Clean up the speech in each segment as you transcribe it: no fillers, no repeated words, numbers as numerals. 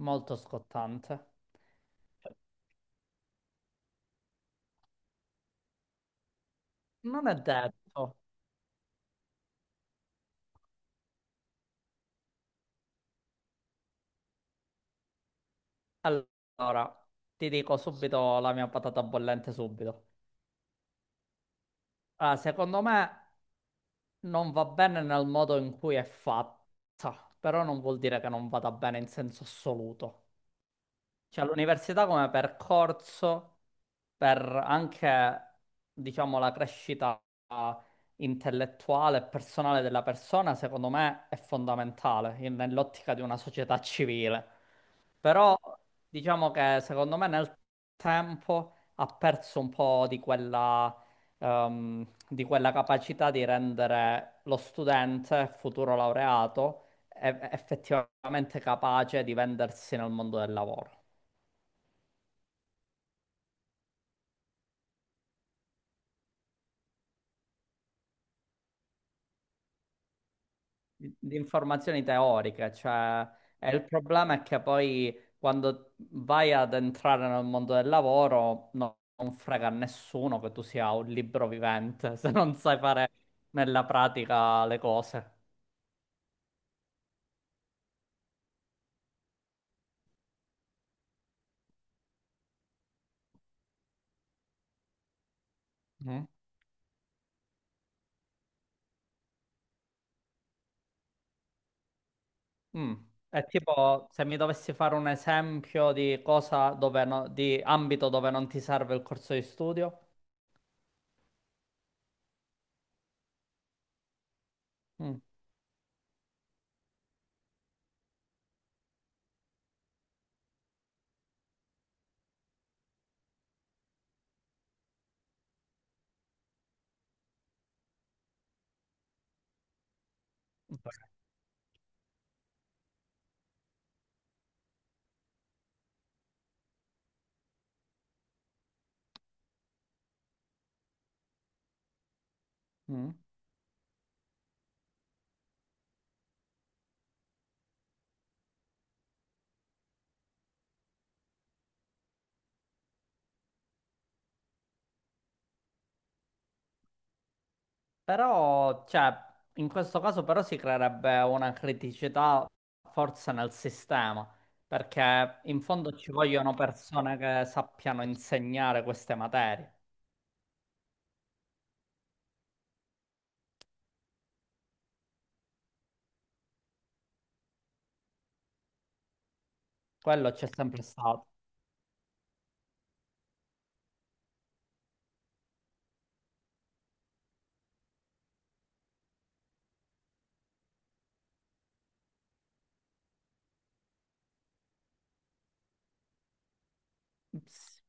Molto scottante. Non è detto. Allora, ti dico subito la mia patata bollente subito. Allora, secondo me non va bene nel modo in cui è fatta, però non vuol dire che non vada bene in senso assoluto. Cioè, l'università come percorso per anche, diciamo, la crescita intellettuale e personale della persona, secondo me, è fondamentale nell'ottica di una società civile. Però, diciamo che secondo me nel tempo ha perso un po' di quella capacità di rendere lo studente, futuro laureato, effettivamente capace di vendersi nel mondo del lavoro. Di informazioni teoriche, cioè, e il problema è che poi quando vai ad entrare nel mondo del lavoro non frega a nessuno che tu sia un libro vivente se non sai fare nella pratica le cose. No? Mm. È tipo se mi dovessi fare un esempio di cosa dove di ambito dove non ti serve il corso di studio. Mm. Mm. Però, cioè, in questo caso però si creerebbe una criticità forse nel sistema, perché in fondo ci vogliono persone che sappiano insegnare queste materie. Quello c'è sempre stato. Ps-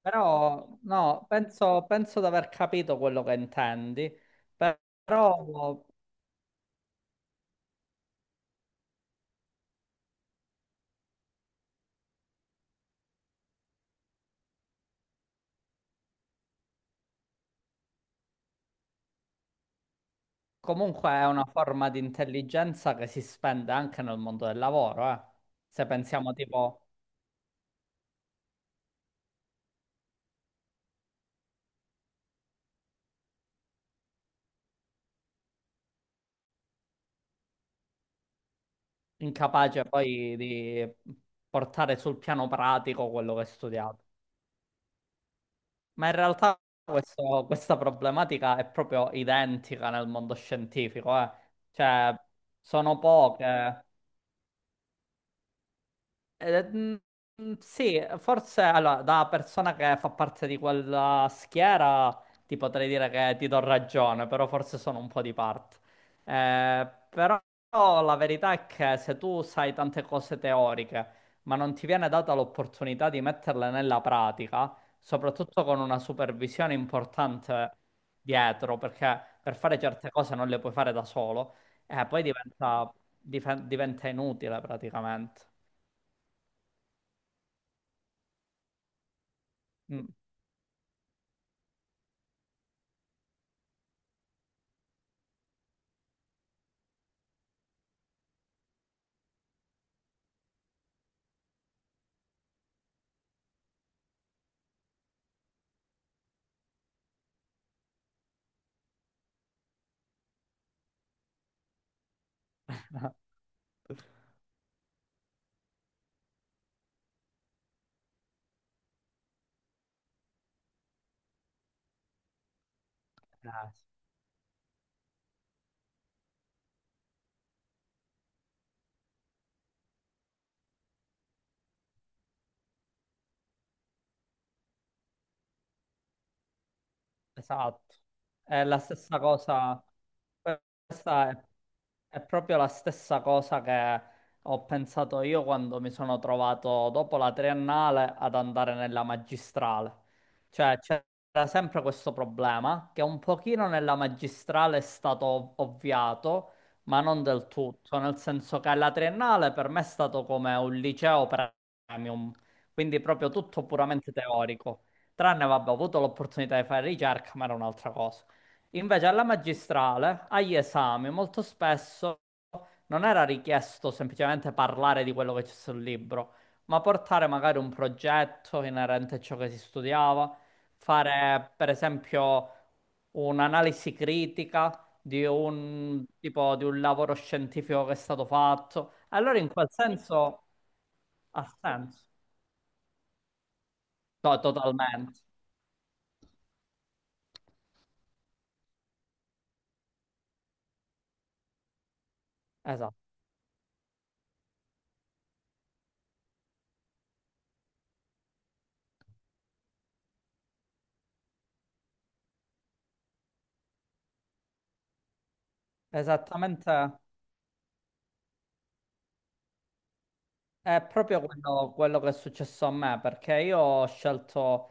Però, no, penso di aver capito quello che intendi, però comunque è una forma di intelligenza che si spende anche nel mondo del lavoro, eh. Se pensiamo tipo... incapace poi di portare sul piano pratico quello che hai studiato. Ma in realtà questa problematica è proprio identica nel mondo scientifico, eh. Cioè, sono poche. Eh, mm, sì, forse allora, da persona che fa parte di quella schiera ti potrei dire che ti do ragione, però forse sono un po' di parte. Però la verità è che se tu sai tante cose teoriche, ma non ti viene data l'opportunità di metterle nella pratica, soprattutto con una supervisione importante dietro, perché per fare certe cose non le puoi fare da solo, poi diventa inutile praticamente. Mm. Eh, esatto, è la stessa cosa, questa è proprio la stessa cosa che ho pensato io quando mi sono trovato dopo la triennale ad andare nella magistrale. Cioè, c'era sempre questo problema che un pochino nella magistrale è stato ovviato, ma non del tutto, nel senso che la triennale per me è stato come un liceo premium, quindi proprio tutto puramente teorico. Tranne, vabbè, ho avuto l'opportunità di fare ricerca, ma era un'altra cosa. Invece alla magistrale, agli esami, molto spesso non era richiesto semplicemente parlare di quello che c'è sul libro, ma portare magari un progetto inerente a ciò che si studiava, fare per esempio un'analisi critica di un tipo di un lavoro scientifico che è stato fatto. Allora in quel senso ha senso. No, totalmente. Esatto. Esattamente. È proprio quello, quello che è successo a me, perché io ho scelto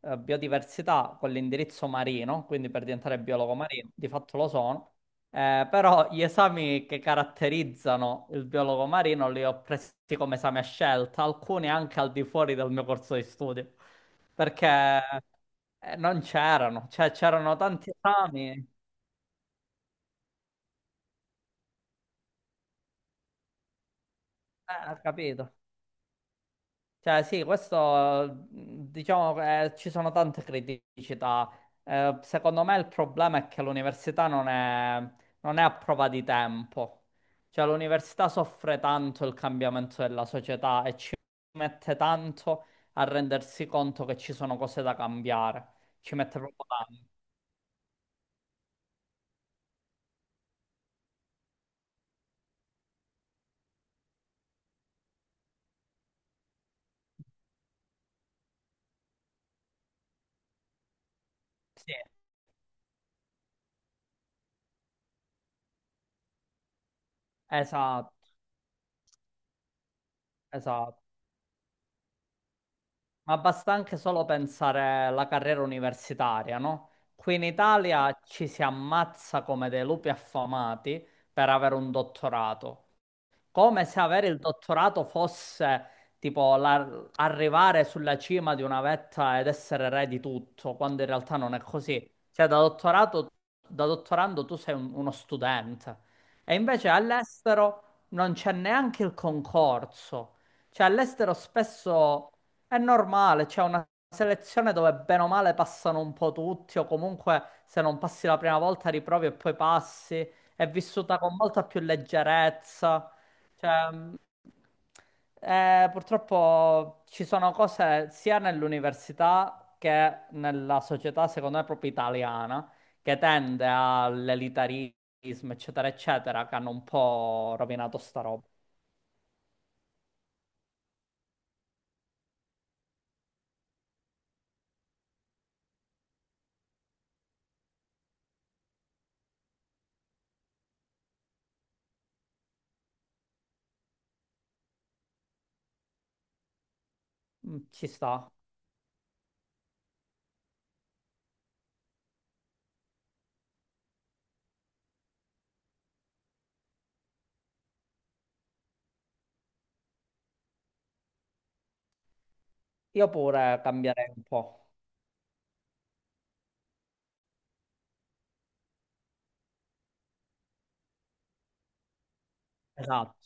biodiversità con l'indirizzo marino, quindi per diventare biologo marino, di fatto lo sono, però gli esami che caratterizzano il biologo marino li ho presi come esami a scelta, alcuni anche al di fuori del mio corso di studio, perché non c'erano, cioè c'erano tanti esami, ho capito. Cioè, sì, questo diciamo ci sono tante criticità. Secondo me il problema è che l'università non è, non è a prova di tempo. Cioè, l'università soffre tanto il cambiamento della società e ci mette tanto a rendersi conto che ci sono cose da cambiare. Ci mette proprio tanto. Sì, esatto, esatto. Ma basta anche solo pensare alla carriera universitaria, no? Qui in Italia ci si ammazza come dei lupi affamati per avere un dottorato come se avere il dottorato fosse tipo arrivare sulla cima di una vetta ed essere re di tutto, quando in realtà non è così. Cioè, da dottorando tu sei uno studente. E invece all'estero non c'è neanche il concorso. Cioè, all'estero spesso è normale, c'è una selezione dove bene o male passano un po' tutti, o comunque se non passi la prima volta riprovi e poi passi. È vissuta con molta più leggerezza. Cioè, purtroppo ci sono cose sia nell'università che nella società, secondo me, proprio italiana, che tende all'elitarismo, eccetera, eccetera, che hanno un po' rovinato sta roba. Mm, ci sta. Io pure cambierei un po'. Esatto.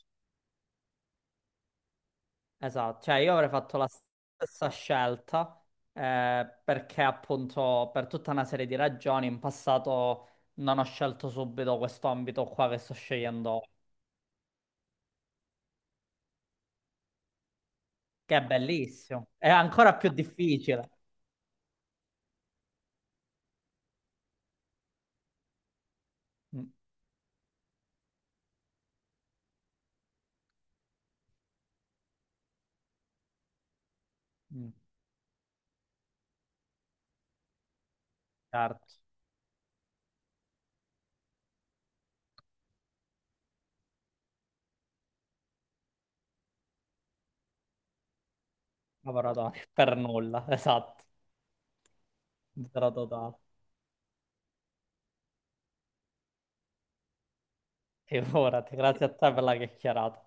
Esatto, cioè io avrei fatto la stessa scelta perché appunto per tutta una serie di ragioni in passato non ho scelto subito questo ambito qua che sto scegliendo, ora, che è bellissimo, è ancora più difficile. Mm, mm, certo, laboratorio, per nulla, esatto, zero totale. Figurati, grazie a te per la chiacchierata.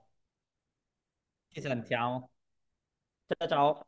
Ci sentiamo. Ciao ciao.